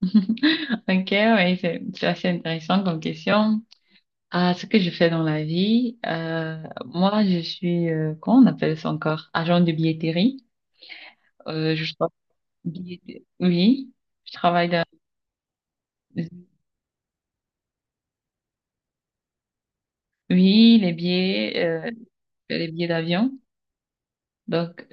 Ok, oui, c'est assez intéressant comme question. Ah, ce que je fais dans la vie, moi, je suis, comment on appelle ça encore? Agent de billetterie. Euh, je tra- billetterie. Oui, je travaille dans, oui, les billets, je fais les billets d'avion. Donc,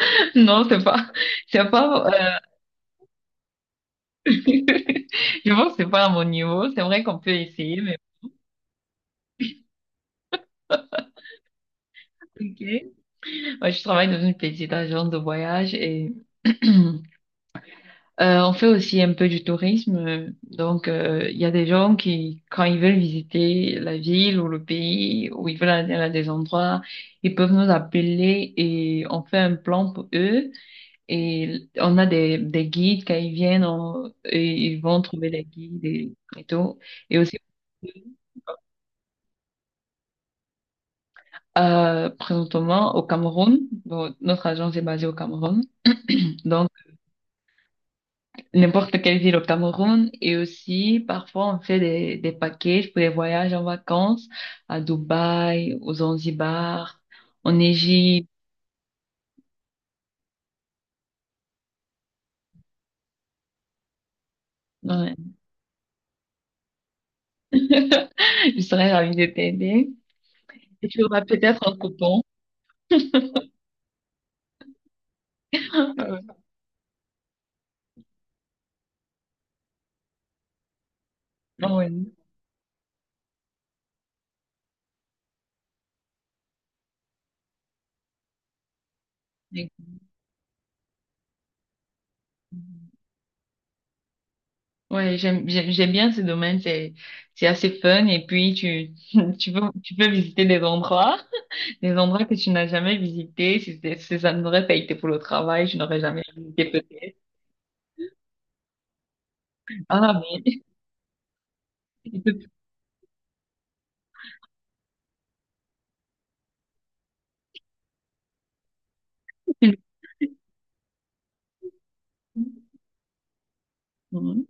non, c'est pas, je pense que c'est pas à mon niveau. C'est vrai qu'on peut essayer, mais ok. Moi, je travaille dans une petite agence de voyage et On fait aussi un peu du tourisme, donc il y a des gens qui, quand ils veulent visiter la ville ou le pays, ou ils veulent aller à des endroits, ils peuvent nous appeler et on fait un plan pour eux. Et on a des guides quand ils viennent, et ils vont trouver des guides et tout. Et aussi présentement au Cameroun, bon, notre agence est basée au Cameroun, donc n'importe quelle ville au Cameroun et aussi parfois on fait des packages pour des voyages en vacances à Dubaï, aux Zanzibar, en Égypte. Ouais. Je serais ravie de t'aider. Et tu auras peut-être un coupon. Euh, ouais. Ouais, j'aime bien ce domaine, c'est assez fun et puis tu, tu peux visiter des endroits, des endroits que tu n'as jamais visités, si ça n'aurait pas été pour le travail, je n'aurais jamais visité peut-être. Ah, Depuis que je- Mhm.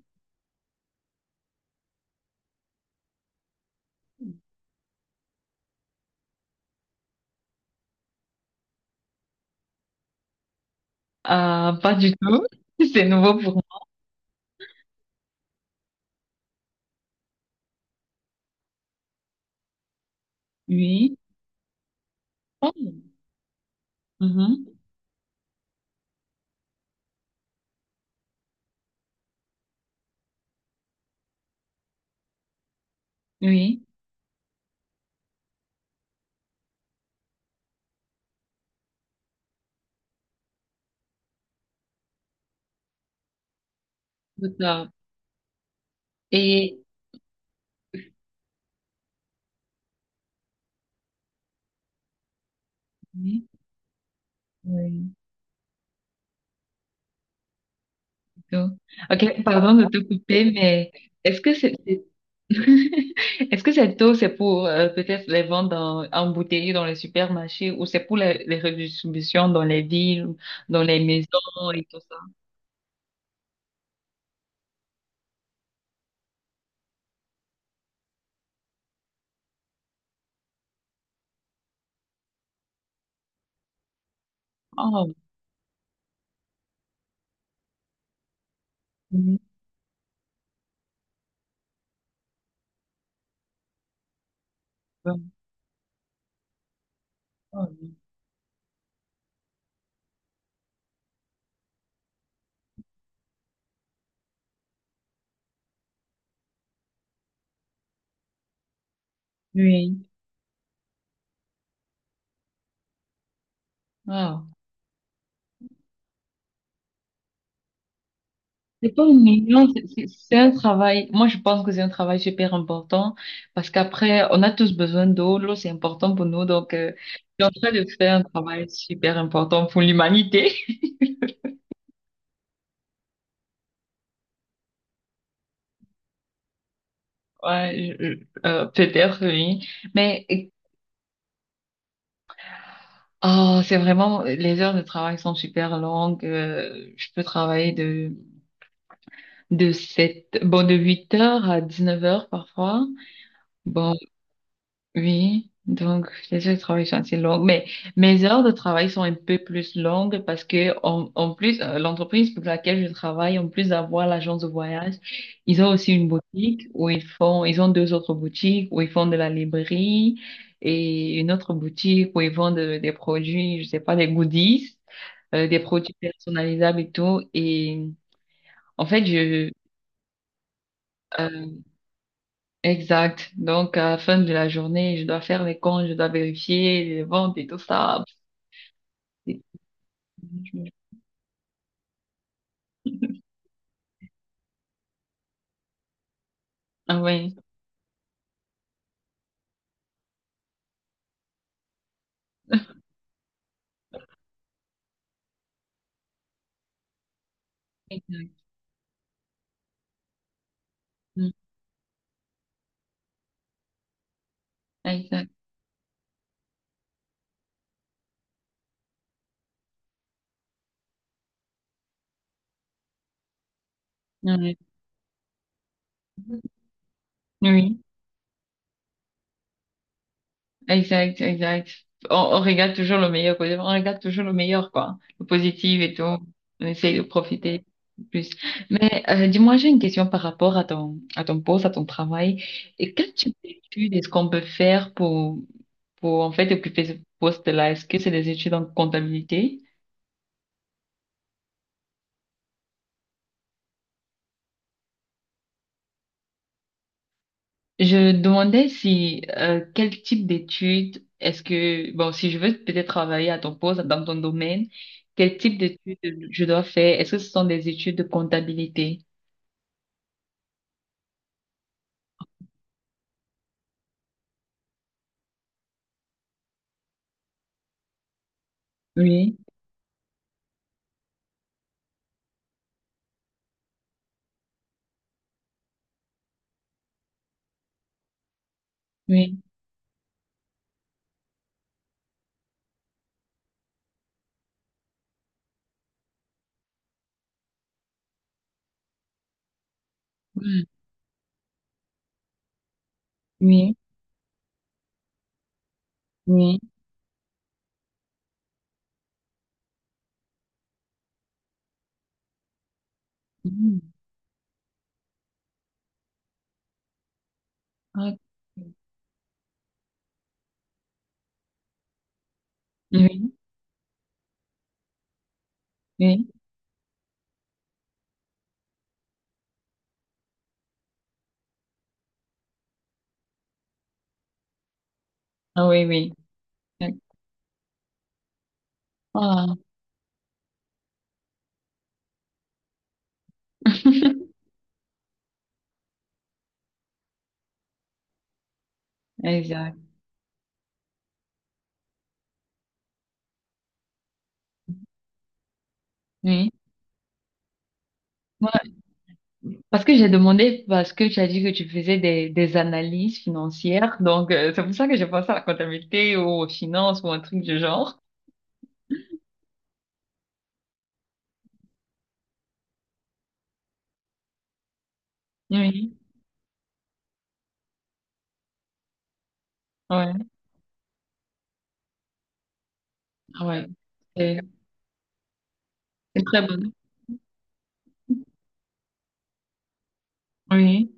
Ah, pas du tout. C'est nouveau pour moi. Oui. Oh. Mhm. Oui. D'accord. Et, oui. Oui. C'est tout. Ok, pardon de te couper, mais est-ce que c'est- est-ce que cette eau, c'est pour peut-être les vendre en bouteille dans les supermarchés ou c'est pour les redistributions dans les villes, dans les maisons et tout ça? Oh. Mhm. Oh. Oui. Wow. C'est pas mignon, c'est un travail. Moi, je pense que c'est un travail super important parce qu'après, on a tous besoin d'eau. L'eau, c'est important pour nous. Donc, je suis en train de faire un travail super important pour l'humanité. Ouais, peut-être, oui. Mais oh, c'est vraiment, les heures de travail sont super longues. Je peux travailler de, de 8 heures à 19 heures parfois. Bon, Oui, donc les heures de travail sont assez longues, mais mes heures de travail sont un peu plus longues parce que en plus l'entreprise pour laquelle je travaille, en plus d'avoir l'agence de voyage, ils ont deux autres boutiques où ils font de la librairie et une autre boutique où ils vendent des produits, je sais pas, des goodies, des produits personnalisables et tout. Et en fait, je euh, exact. Donc, à la fin de la journée, je dois faire les comptes, je dois vérifier les ventes et tout ça. C'est- Ah ouais. Exact. Mm. Exact. Ouais. Oui, exact. On regarde toujours le meilleur, quoi. On regarde toujours le meilleur, quoi. Le positif et tout. On essaye de profiter plus. Mais dis-moi, j'ai une question par rapport à à ton poste, à ton travail. Et quel type d'études est-ce qu'on peut faire pour en fait occuper ce poste-là? Est-ce que c'est des études en comptabilité? Je demandais si quel type d'études est-ce que bon si je veux peut-être travailler à ton poste dans ton domaine, quel type d'études je dois faire? Est-ce que ce sont des études de comptabilité? Oui, oui, oui, oui, oui. Mhm. Ah, Oui, oui, ah oui, oui. Ah, exact. Oui. Moi, parce que j'ai demandé, parce que tu as dit que tu faisais des analyses financières, donc c'est pour ça que j'ai pensé à la comptabilité ou aux finances ou un truc du genre. Oui, ouais, ouais. C'est c'est très bon. Oui,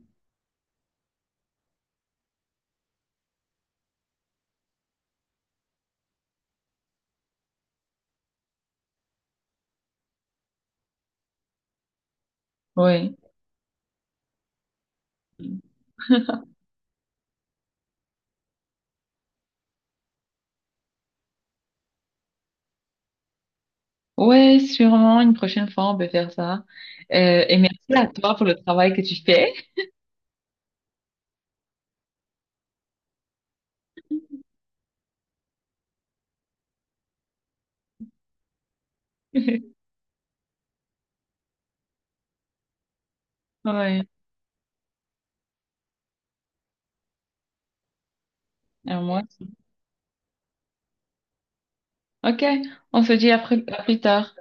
oui. Ouais, sûrement, une prochaine fois, on peut faire ça. Et merci à toi pour le travail que tu fais. Ouais, à moi aussi. Ok, on se dit à plus tard.